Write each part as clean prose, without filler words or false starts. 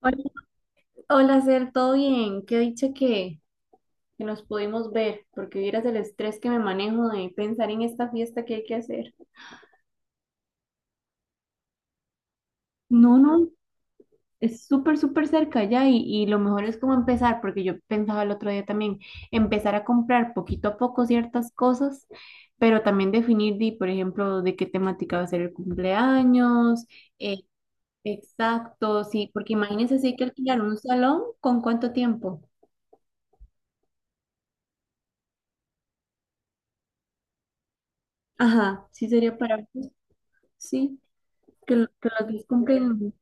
Hola, Hola, Cer, ¿todo bien? Qué dicha que nos pudimos ver, porque vieras el estrés que me manejo de pensar en esta fiesta que hay que hacer. No, no, es súper, súper cerca ya y lo mejor es como empezar, porque yo pensaba el otro día también, empezar a comprar poquito a poco ciertas cosas, pero también definir, por ejemplo, de qué temática va a ser el cumpleaños. eh, exacto, sí, porque imagínense si hay que alquilar un salón, ¿con cuánto tiempo? Ajá, sí sería para. Sí. Que los días cumplen.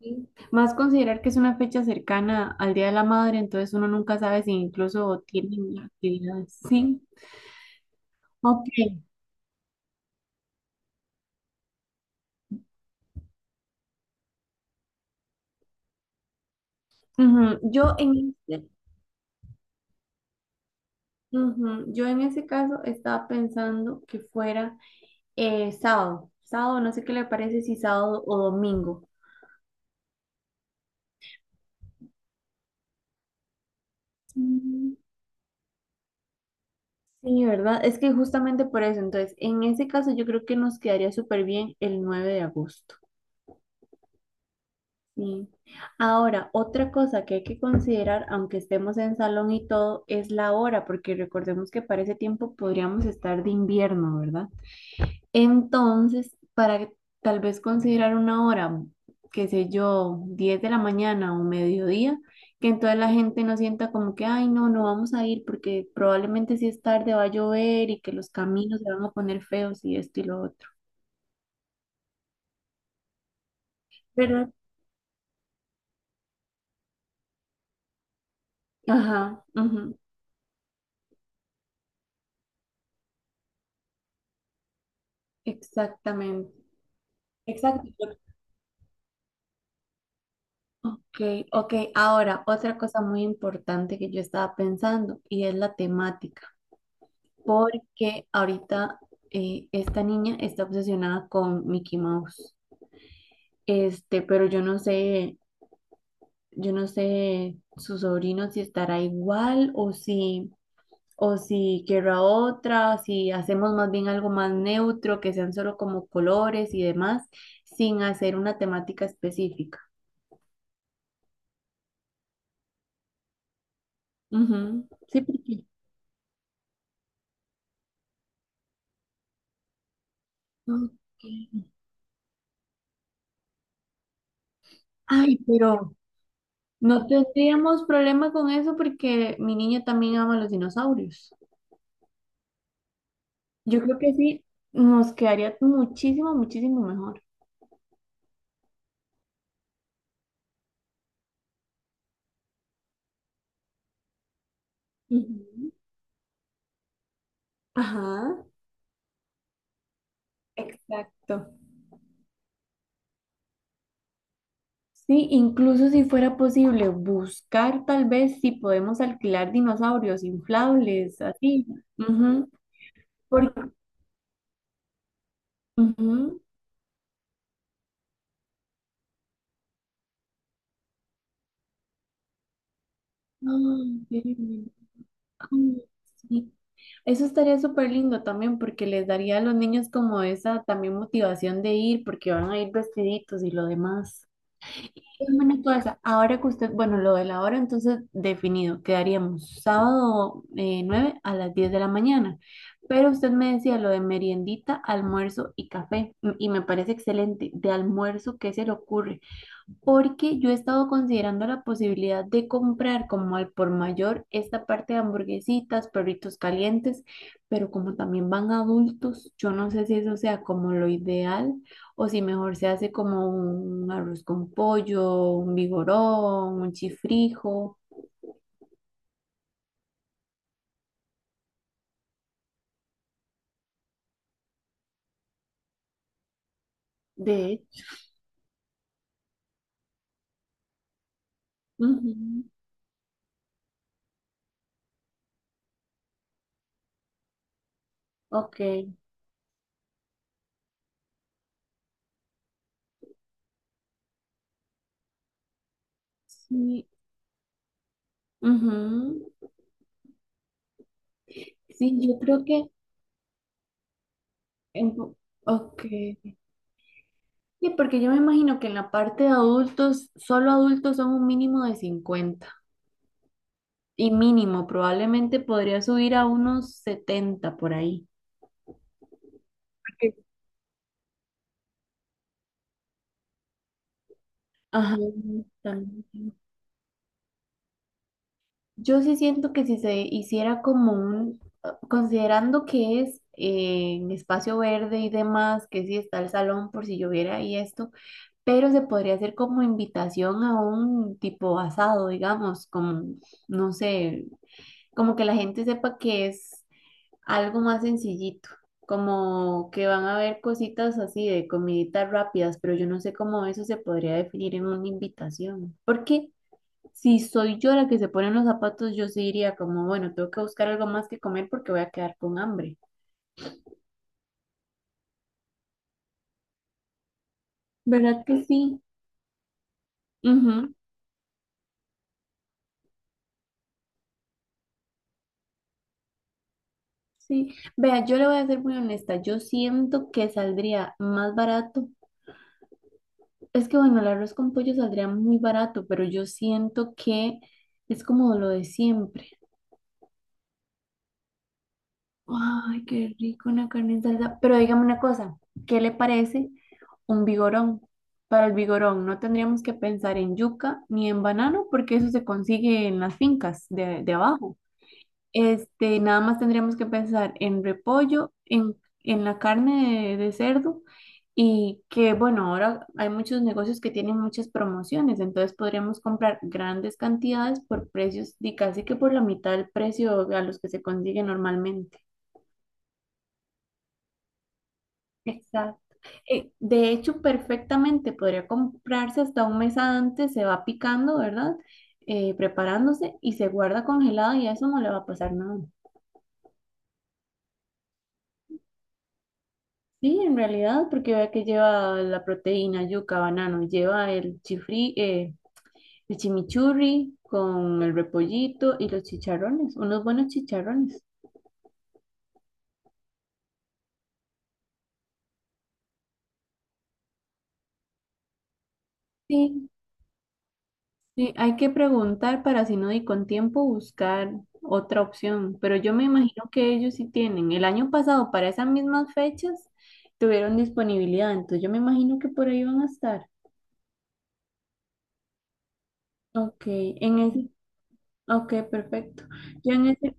¿Sí? Más considerar que es una fecha cercana al Día de la Madre, entonces uno nunca sabe si incluso tienen actividades. Sí, ok. Ujú. Ujú, yo en ese caso estaba pensando que fuera sábado. Sábado, no sé qué le parece si sábado o domingo. Mm, sí, ¿verdad? Es que justamente por eso, entonces, en ese caso yo creo que nos quedaría súper bien el 9 de agosto. Sí. Ahora, otra cosa que hay que considerar, aunque estemos en salón y todo, es la hora, porque recordemos que para ese tiempo podríamos estar de invierno, ¿verdad? Entonces, para tal vez considerar una hora, qué sé yo, 10 de la mañana o mediodía, que entonces la gente no sienta como que, ay, no, no vamos a ir porque probablemente si es tarde va a llover y que los caminos se van a poner feos y esto y lo otro, ¿verdad? Ajá, ujú, exactamente. Exacto. Ok, ok. Ahora, otra cosa muy importante que yo estaba pensando y es la temática, porque ahorita esta niña está obsesionada con Mickey Mouse. Este, pero yo no sé su sobrino si estará igual, o si querrá otra, si hacemos más bien algo más neutro, que sean solo como colores y demás, sin hacer una temática específica. Ujú, sí, porque. Ok. Ay, pero no tendríamos problema con eso porque mi niño también ama los dinosaurios. Yo creo que sí, nos quedaría muchísimo, muchísimo mejor. Ujú. Ajá, exacto. Sí, incluso si fuera posible buscar tal vez si podemos alquilar dinosaurios inflables, así. Ujú. Porque, Ujú. Ah, qué lindo. Ay, sí. Eso estaría súper lindo también porque les daría a los niños como esa también motivación de ir porque van a ir vestiditos y lo demás. Dígame una cosa, ahora que usted, bueno, lo de la hora entonces definido, quedaríamos sábado 9 a las 10 de la mañana, pero usted me decía lo de meriendita, almuerzo y café y me parece excelente. De almuerzo, ¿qué se le ocurre? Porque yo he estado considerando la posibilidad de comprar como al por mayor esta parte de hamburguesitas, perritos calientes. Pero como también van adultos, yo no sé si eso sea como lo ideal, o si mejor se hace como un arroz con pollo, un vigorón, un chifrijo. De hecho. Ujú, ok. Sí, ujú. Sí, yo creo que, en- ok. Sí, porque yo me imagino que en la parte de adultos, solo adultos son un mínimo de 50 y mínimo, probablemente podría subir a unos 70 por ahí. Porque Ajá, también. Yo sí siento que si se hiciera considerando que es en espacio verde y demás, que sí está el salón por si lloviera y esto, pero se podría hacer como invitación a un tipo asado, digamos, como, no sé, como que la gente sepa que es algo más sencillito, como que van a haber cositas así de comiditas rápidas. Pero yo no sé cómo eso se podría definir en una invitación. Porque si soy yo la que se pone en los zapatos, yo sí diría como, bueno, tengo que buscar algo más que comer porque voy a quedar con hambre. ¿Verdad que sí? Ujú, sí. Vea, yo le voy a ser muy honesta, yo siento que saldría más barato. Es que bueno, el arroz con pollo saldría muy barato, pero yo siento que es como lo de siempre. Ay, qué rico una carne en salsa. Pero dígame una cosa, ¿qué le parece un vigorón? Para el vigorón no tendríamos que pensar en yuca ni en banano porque eso se consigue en las fincas de abajo. Este, nada más tendríamos que pensar en repollo, en la carne de cerdo. Y que, bueno, ahora hay muchos negocios que tienen muchas promociones, entonces podríamos comprar grandes cantidades por precios y casi que por la mitad del precio a los que se consigue normalmente. Exacto. De hecho, perfectamente podría comprarse hasta un mes antes. Se va picando, ¿verdad? Preparándose y se guarda congelado y a eso no le va a pasar nada. Sí, en realidad, porque vea que lleva la proteína, yuca, banano, lleva el chifri, el chimichurri con el repollito y los chicharrones, unos buenos chicharrones. Sí, sí, hay que preguntar para si no di con tiempo buscar otra opción, pero yo me imagino que ellos sí tienen. El año pasado, para esas mismas fechas, tuvieron disponibilidad, entonces yo me imagino que por ahí van a estar. Ok. Ok, perfecto. Yo en ese,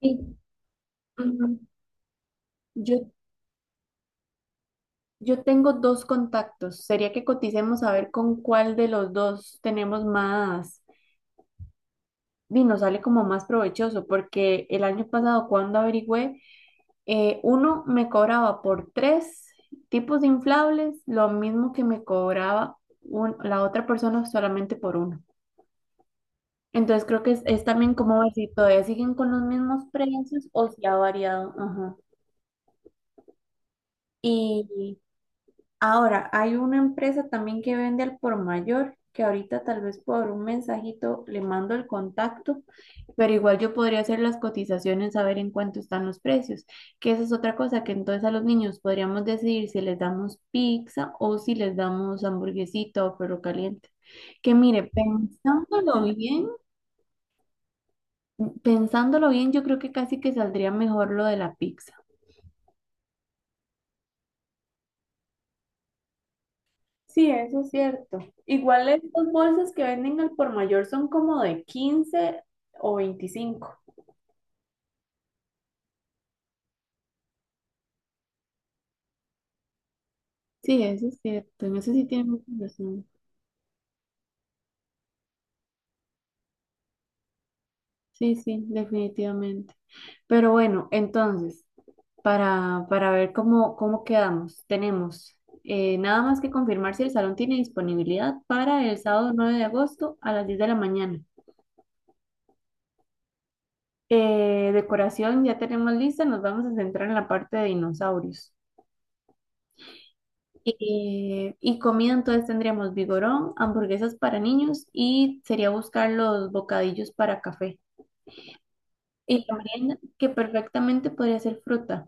sí, ujú. Yo, yo tengo dos contactos. Sería que coticemos a ver con cuál de los dos tenemos más y nos sale como más provechoso, porque el año pasado cuando averigüé, uno me cobraba por tres tipos de inflables lo mismo que me cobraba la otra persona solamente por uno. Entonces creo que es también como ver si todavía siguen con los mismos precios o si ha variado. Ajá. Y Ahora, hay una empresa también que vende al por mayor, que ahorita tal vez por un mensajito le mando el contacto, pero igual yo podría hacer las cotizaciones, saber en cuánto están los precios, que esa es otra cosa, que entonces a los niños podríamos decidir si les damos pizza o si les damos hamburguesita o perro caliente. Que mire, pensándolo bien, yo creo que casi que saldría mejor lo de la pizza. Sí, eso es cierto. Igual estas bolsas que venden al por mayor son como de 15 o 25. Sí, eso es cierto. En eso sí tiene mucha razón. Sí, sí, definitivamente. Pero bueno, entonces, para ver cómo quedamos, tenemos nada más que confirmar si el salón tiene disponibilidad para el sábado 9 de agosto a las 10 de la mañana. Decoración ya tenemos lista, nos vamos a centrar en la parte de dinosaurios. Y comida, entonces tendríamos vigorón, hamburguesas para niños y sería buscar los bocadillos para café. Y la merienda, que perfectamente podría ser fruta.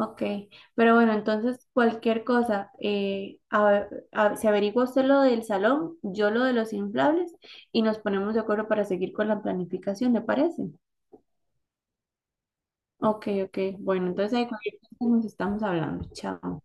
Ok, pero bueno, entonces cualquier cosa, se averigua usted lo del salón, yo lo de los inflables y nos ponemos de acuerdo para seguir con la planificación, ¿le parece? Ok, ok, bueno, entonces ahí cualquier cosa nos estamos hablando. Chao.